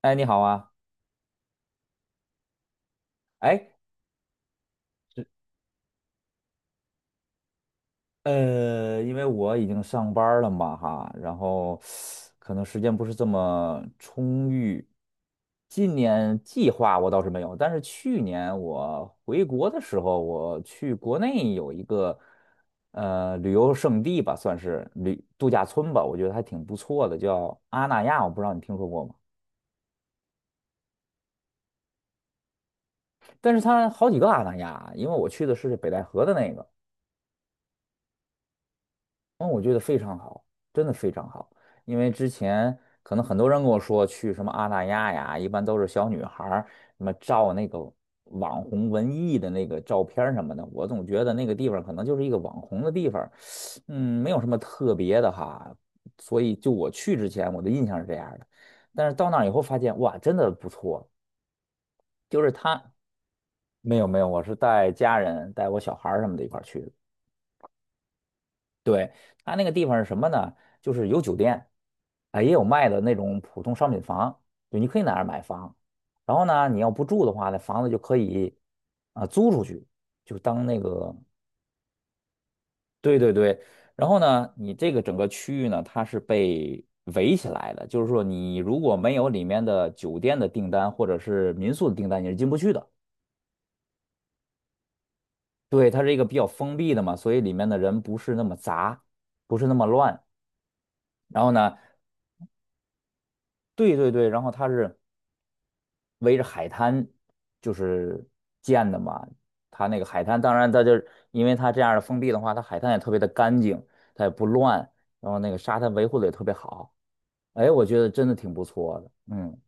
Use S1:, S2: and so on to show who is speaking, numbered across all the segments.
S1: 哎，你好啊。哎，因为我已经上班儿了嘛，哈，然后可能时间不是这么充裕。今年计划我倒是没有，但是去年我回国的时候，我去国内有一个旅游胜地吧，算是旅度假村吧，我觉得还挺不错的，叫阿那亚，我不知道你听说过吗？但是它好几个阿那亚，因为我去的是北戴河的那个。嗯，我觉得非常好，真的非常好。因为之前可能很多人跟我说去什么阿那亚呀，一般都是小女孩儿什么照那个网红文艺的那个照片儿什么的，我总觉得那个地方可能就是一个网红的地方儿。没有什么特别的哈。所以就我去之前，我的印象是这样的，但是到那儿以后发现，哇，真的不错。就是他没有没有，我是带家人带我小孩儿什么的一块儿去的。对，它那个地方是什么呢？就是有酒店，啊，也有卖的那种普通商品房。对，你可以在那儿买房。然后呢，你要不住的话，那房子就可以租出去，就当那个，对对对。然后呢，你这个整个区域呢，它是被围起来的，就是说你如果没有里面的酒店的订单或者是民宿的订单，你是进不去的。对，它是一个比较封闭的嘛，所以里面的人不是那么杂，不是那么乱。然后呢，对对对，然后它是，围着海滩就是建的嘛。它那个海滩，当然它就是因为它这样的封闭的话，它海滩也特别的干净，它也不乱，然后那个沙滩维护的也特别好。哎，我觉得真的挺不错的。嗯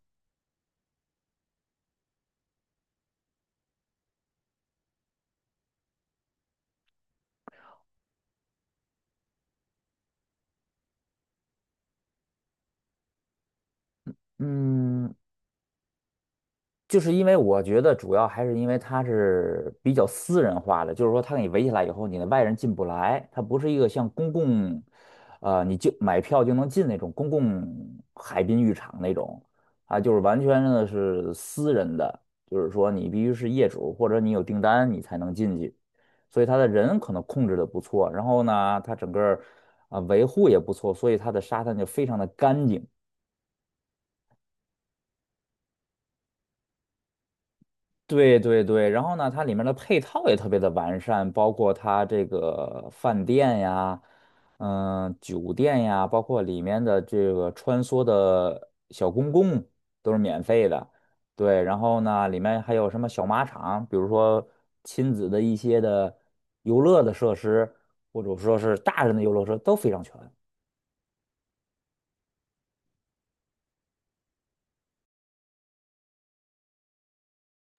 S1: 嗯，就是因为我觉得主要还是因为它是比较私人化的，就是说它给你围起来以后，你的外人进不来，它不是一个像公共，你就买票就能进那种公共海滨浴场那种，就是完全的是私人的，就是说你必须是业主或者你有订单你才能进去，所以它的人可能控制的不错，然后呢，它整个维护也不错，所以它的沙滩就非常的干净。对对对，然后呢，它里面的配套也特别的完善，包括它这个饭店呀，酒店呀，包括里面的这个穿梭的小公共都是免费的。对，然后呢，里面还有什么小马场，比如说亲子的一些的游乐的设施，或者说是大人的游乐设施都非常全。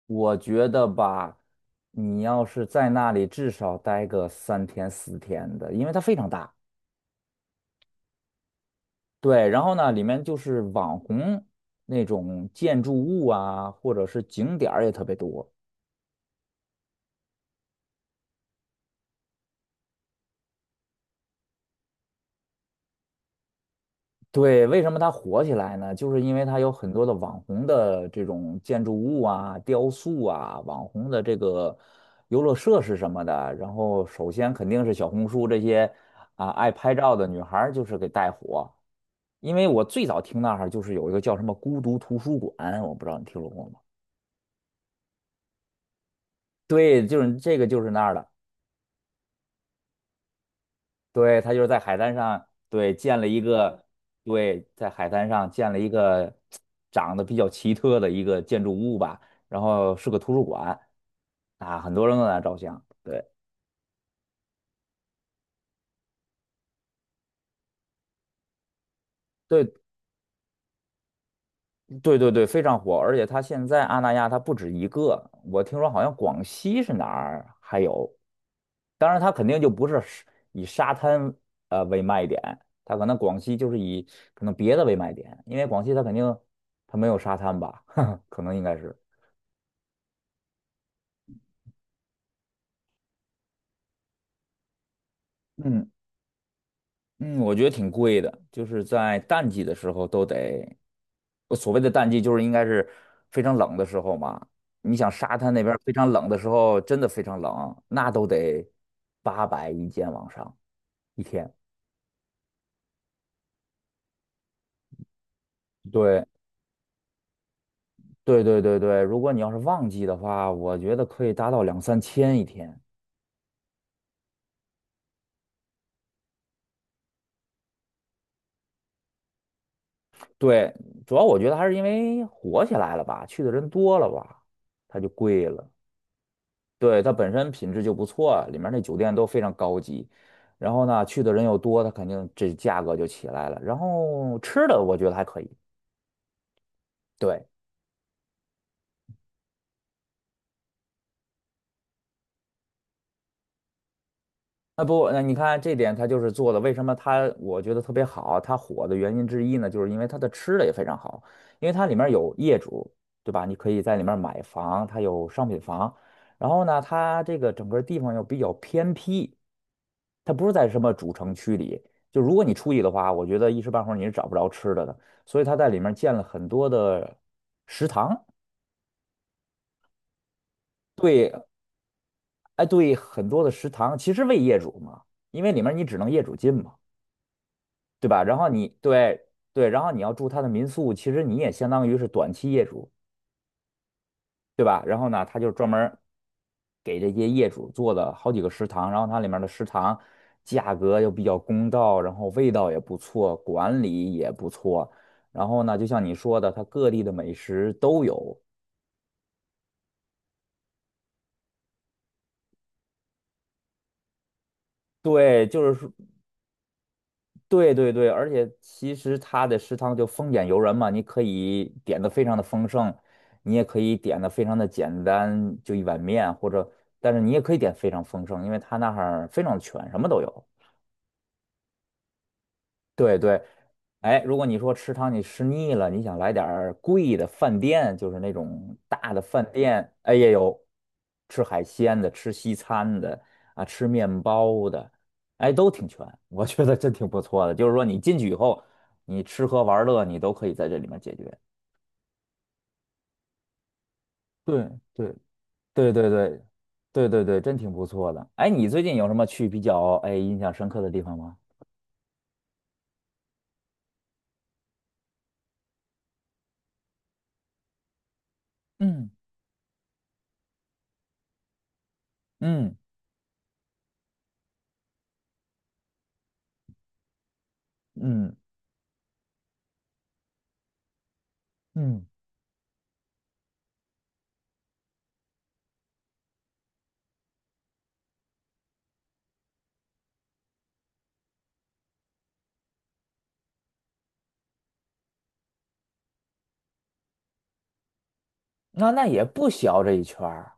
S1: 我觉得吧，你要是在那里至少待个3天4天的，因为它非常大。对，然后呢，里面就是网红那种建筑物啊，或者是景点儿也特别多。对，为什么它火起来呢？就是因为它有很多的网红的这种建筑物啊、雕塑啊、网红的这个游乐设施什么的。然后，首先肯定是小红书这些爱拍照的女孩儿就是给带火。因为我最早听那儿就是有一个叫什么孤独图书馆，我不知道你听说过吗？对，就是这个就是那儿的。对，他就是在海滩上，对，建了一个，对，在海滩上建了一个长得比较奇特的一个建筑物吧，然后是个图书馆啊，很多人都在那照相。对，对，对，对，对，非常火。而且他现在阿那亚它不止一个，我听说好像广西是哪儿还有，当然它肯定就不是以沙滩为卖点，它可能广西就是以可能别的为卖点，因为广西它肯定它没有沙滩吧，可能应该是。嗯嗯，我觉得挺贵的，就是在淡季的时候都得，我所谓的淡季就是应该是非常冷的时候嘛。你想沙滩那边儿非常冷的时候，真的非常冷，那都得800一间往上一天。对对对对对，如果你要是旺季的话，我觉得可以达到两三千一天。对，主要我觉得还是因为火起来了吧，去的人多了吧，它就贵了。对，它本身品质就不错啊，里面那酒店都非常高级，然后呢，去的人又多，它肯定这价格就起来了。然后吃的我觉得还可以。对，那不，那你看这点它就是做的，为什么它我觉得特别好，它火的原因之一呢，就是因为它的吃的也非常好，因为它里面有业主，对吧？你可以在里面买房，它有商品房，然后呢，它这个整个地方又比较偏僻。它不是在什么主城区里。就如果你出去的话，我觉得一时半会儿你是找不着吃的的。所以它在里面建了很多的食堂。对，哎，对，很多的食堂其实为业主嘛，因为里面你只能业主进嘛，对吧？然后你对对，然后你要住它的民宿，其实你也相当于是短期业主。对吧？然后呢，他就专门给这些业主做了好几个食堂，然后它里面的食堂价格又比较公道，然后味道也不错，管理也不错。然后呢，就像你说的，它各地的美食都有。对，就是说，对对对，而且其实它的食堂就丰俭由人嘛，你可以点的非常的丰盛，你也可以点的非常的简单，就一碗面，或者，但是你也可以点非常丰盛，因为它那儿非常全，什么都有。对对，哎，如果你说吃汤你吃腻了，你想来点儿贵的饭店，就是那种大的饭店，哎，也有吃海鲜的，吃西餐的，啊，吃面包的，哎，都挺全，我觉得真挺不错的。就是说你进去以后，你吃喝玩乐你都可以在这里面解决。对对对对对对对对，真挺不错的。哎，你最近有什么去比较印象深刻的地方吗？嗯嗯嗯嗯。那也不小这一圈儿。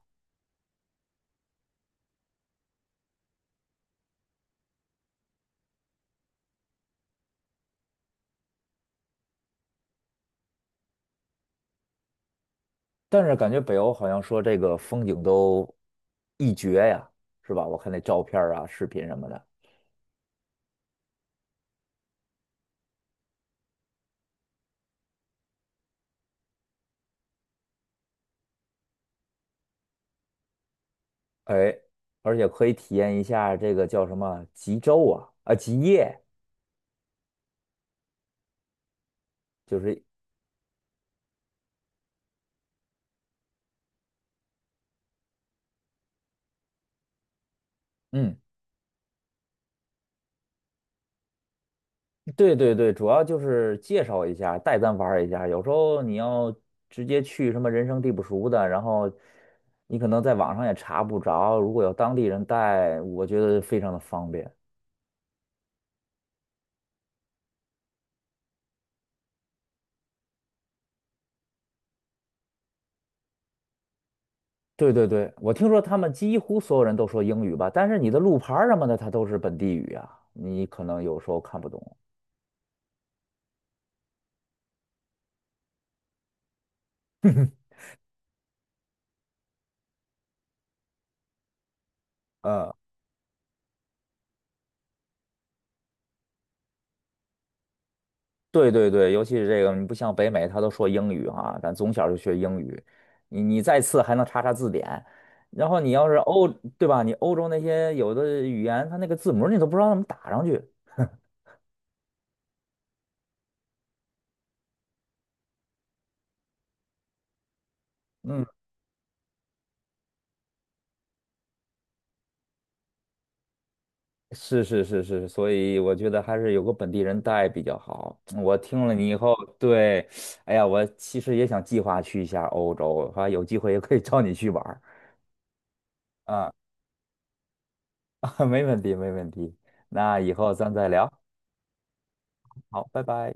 S1: 但是感觉北欧好像说这个风景都一绝呀，是吧？我看那照片儿啊、视频什么的。哎，而且可以体验一下这个叫什么极昼啊，极夜。就是嗯，对对对，主要就是介绍一下，带咱玩儿一下。有时候你要直接去什么人生地不熟的，然后你可能在网上也查不着，如果有当地人带，我觉得非常的方便。对对对，我听说他们几乎所有人都说英语吧，但是你的路牌儿什么的，它都是本地语啊，你可能有时候看不懂。嗯，对对对，尤其是这个，你不像北美，他都说英语啊，咱从小就学英语，你再次还能查查字典，然后你要是欧，对吧？你欧洲那些有的语言，它那个字母你都不知道怎么打上去。嗯。是是是是，所以我觉得还是有个本地人带比较好。我听了你以后，对，哎呀，我其实也想计划去一下欧洲，还有机会也可以找你去玩儿啊，没问题没问题。那以后咱再聊，好，拜拜。